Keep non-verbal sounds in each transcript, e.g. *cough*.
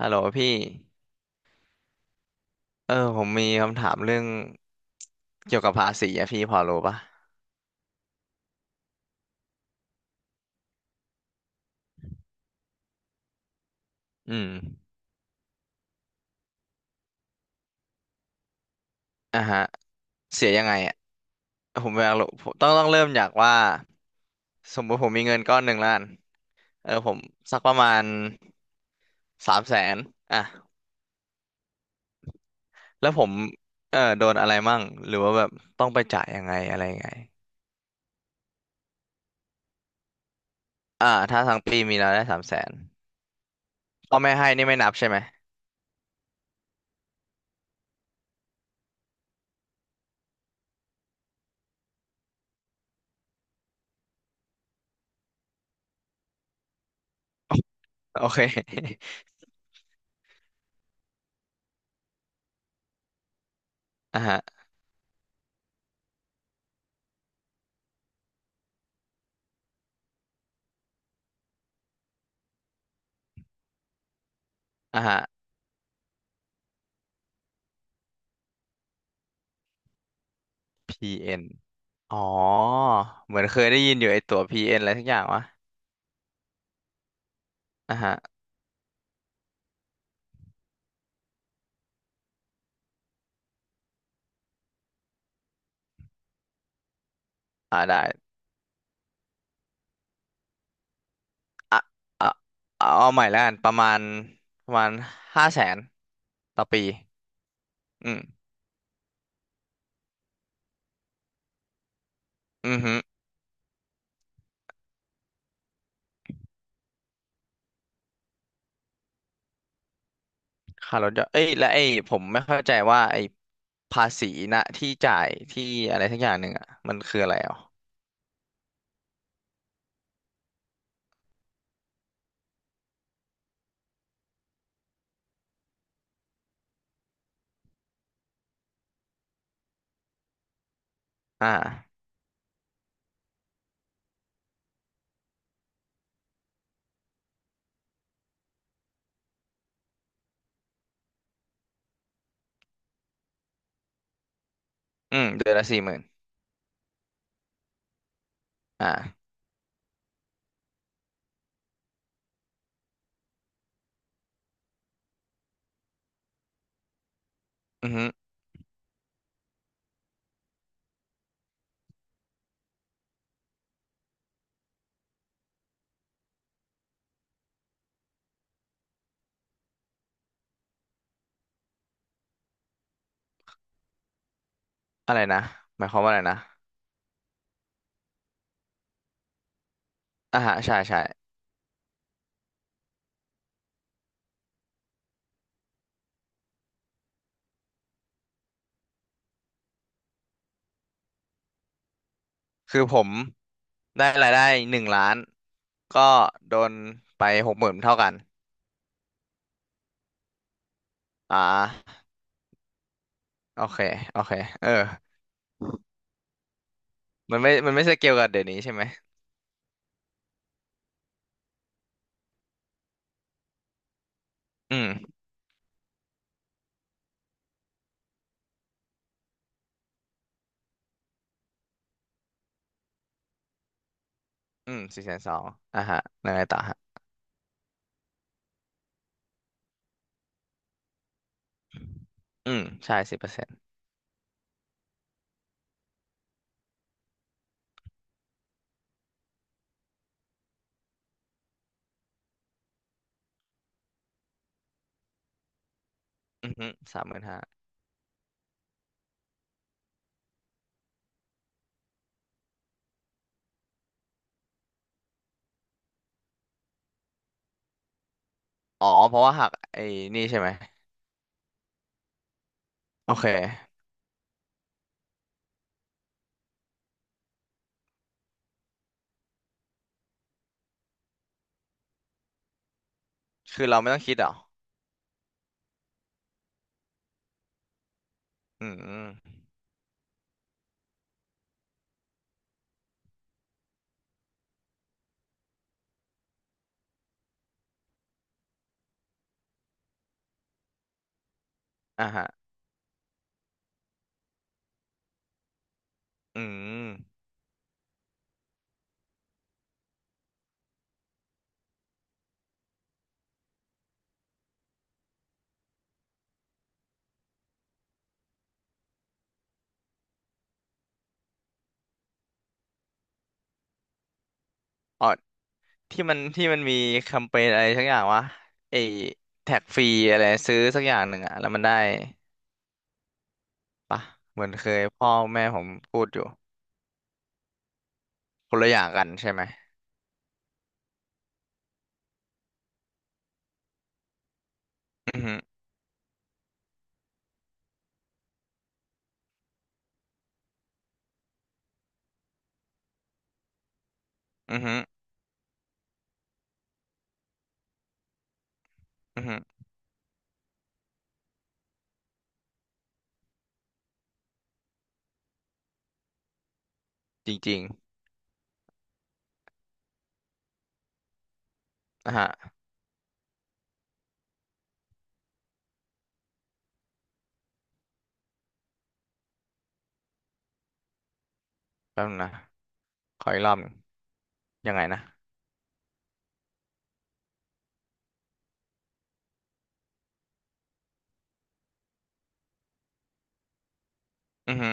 ฮัลโหลพี่ผมมีคำถามเรื่องเกี่ยวกับภาษีอะพี่พอรู้ปะอืมอ่ะฮะเสียยังไงอะผมอยากรู้ผมต้องเริ่มจากว่าสมมุติผมมีเงินก้อนหนึ่งล้านผมสักประมาณสามแสนอ่ะแล้วผมโดนอะไรมั่งหรือว่าแบบต้องไปจ่ายยังไงอะไรยังไงอ่าถ้าทั้งปีมีรายได้สามแสนพ่อแม่ให้นี่ไม่นับใช่ไหม โอเค *laughs* อ่ะฮะอ่ะฮะพีเอ็น อ๋อเหมือนเคยได้ยินอยู่ไอตัว PN อนอะไรทุกอย่างวะอ่ะฮะอ่าได้อ่ะอ่ะเอาเอาใหม่แล้วกันประมาณประมาณห้าแสนต่อปีอืมอือฮึค่ารถยนต์เอ้ยและไอ้ผมไม่เข้าใจว่าไอ้ภาษีนะที่จ่ายที่อะไรทักอย่างหนึ่งอ่ะมันคืออะไรอ่ะอ่าอืมเดือนละสี่หมื่นอ่าอือฮึอะไรนะหมายความว่าอะไรนะอ่าฮะใช่คือผม ได้รายได้หนึ่งล้านก็โดนไปหกหมื่นเท่ากันอ่าโอเคโอเคเออมันไม่มันไม่ใช่เกี่ยวกับเดี๋ยวนี้ใช่ไหมอืมอืมสี่แสนสองอ่ะฮะยังไงต่อฮะอืมใช่สิบเปอร์เซ็นต์อือฮึสามหมื่นห้าอ๋อเพราะว่าหักไอ้นี่ใช่ไหมโอเคคือเราไม่ต้องคิดเหรออืมอ่ะฮะอืมอ๋อที่มันที่มันมีแคมเปญอะไรสักอย่างวะไอ้แท็กฟรีอะไรซื้อสักอย่างหนึ่งอะแล้วมันได้ ปะเหมือนเคยพ่อแม่ผมพูดอยู่คนละอย่างกันใช่ไหมอือฮึอือฮึอือฮึจริงๆนะฮะแป๊บนึงนะขออีกรอบหนึ่งยังไงนะอือฮึ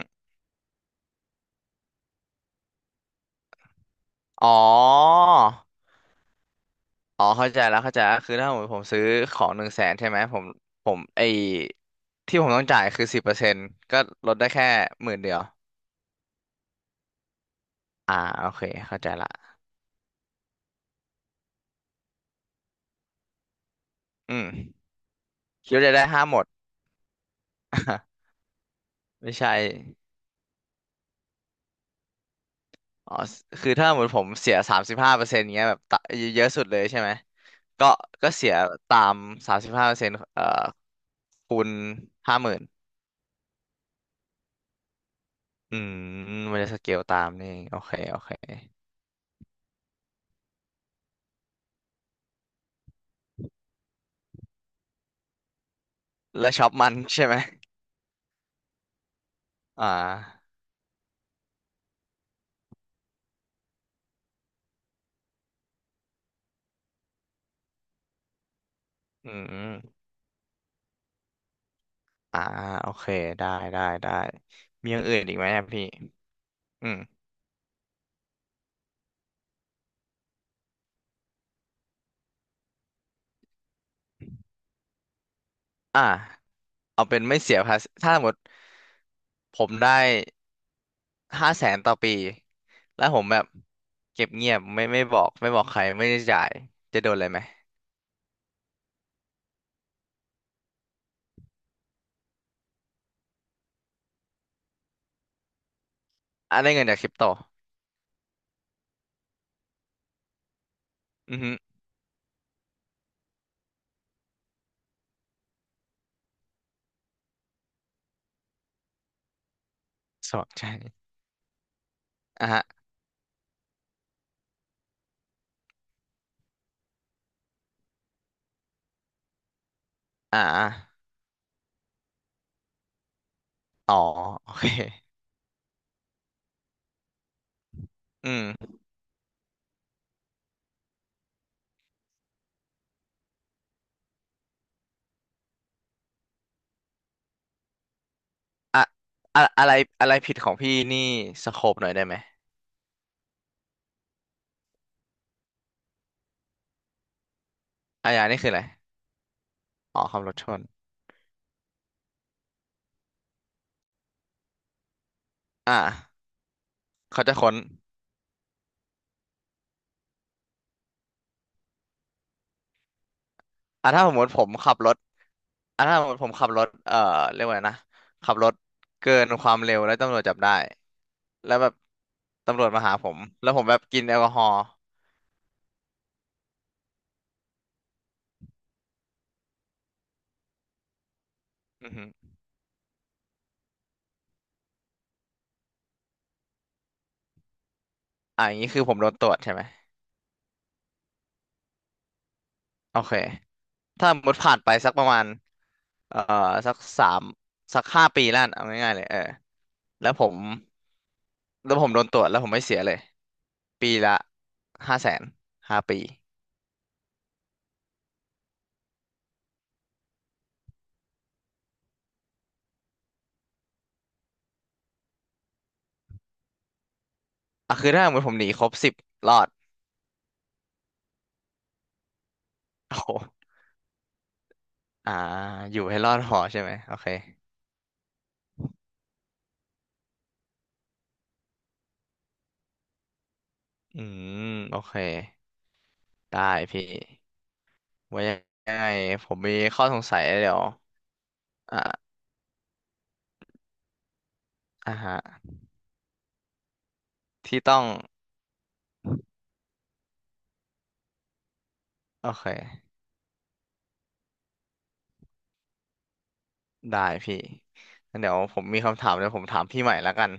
อ๋ออ๋อเข้าใจแล้วเข้าใจแล้วคือถ้าผมผมซื้อของหนึ่งแสนใช่ไหมผมที่ผมต้องจ่ายคือสิบเปอร์เซ็นต์ก็ลดได้แค่หมื่นเดียวอ่าโอเคเข้าใจละอืมคิดว่าจะได้ห้าหมด *laughs* ไม่ใช่ อ๋อ คือถ้าหมืนผมเสียสามสิบห้าเปอร์เซ็นต์เงี้ยแบบตะเยอะสุดเลยใช่ไหม ก็ก็เสียตามสามสิบห้าเปอร์เซ็นต์คูณห้าหมื่นอืมมันจะสเกลตามนี่เองโอเค โอเค แล้วช็อปมันใช่ไหม อ่าอืม อ่าโอเค ได้ ได้ ได้ มีอย่างอื่นอีกไหมอะพี่ อืม อ่าเอาเป็นไม่เสียภาษีถ้าสมมติผมได้ ห้าแสนต่อปีแล้วผมแบบเก็บเงียบไม่บอกไม่บอกใครไม่ได้จ่ายจะโดนอะไรไหมอ่ะได้เงินจากคริปโตอือฮึสองใจอ่ะฮะอ่าอะอ๋อโอเคอืมอ่ะอะอะไรอะไรผิดของพี่นี่สโคปหน่อยได้ไหมอาญานี่คืออะไรอ๋อขับรถชนอ่ะเขาจะค้นอ่ะถ้าสมมติผมขับรถอ่ะถ้าสมมติผมขับรถเรียกว่าไงนะขับรถเกินความเร็วแล้วตำรวจจับได้ แล้วแบบตำรวจมาหาผมแล้วผมแบบกินแอลกอฮอล์อือฮึอ่าอย่างนี้คือผมโดนตรวจใช่ไหมโอเคถ้าสมมติผ่านไปสักประมาณเอ่อสักสามสักห้าปีแล้วกันเอาง่ายๆเลยเออแล้วผมแล้วผมโดนตรวจแล้วผมไม่เสียเลยปีละห้าแสนห้าปีอ่ะคือถ้าสมมติผมหนีครบสิบรอดโอ้โหอ่าอยู่ให้รอดพอใช่ไหมโอเคอืมโอเคได้พี่ไว้ยังไงผมมีข้อสงสัยเดี๋ยว อ่าอ่าฮะที่ต้อง โอเค ได้พี่งั้นเดี๋ยวผมมีคำถามเดี๋ยวผมถามพี่ใหม่แล้วกัน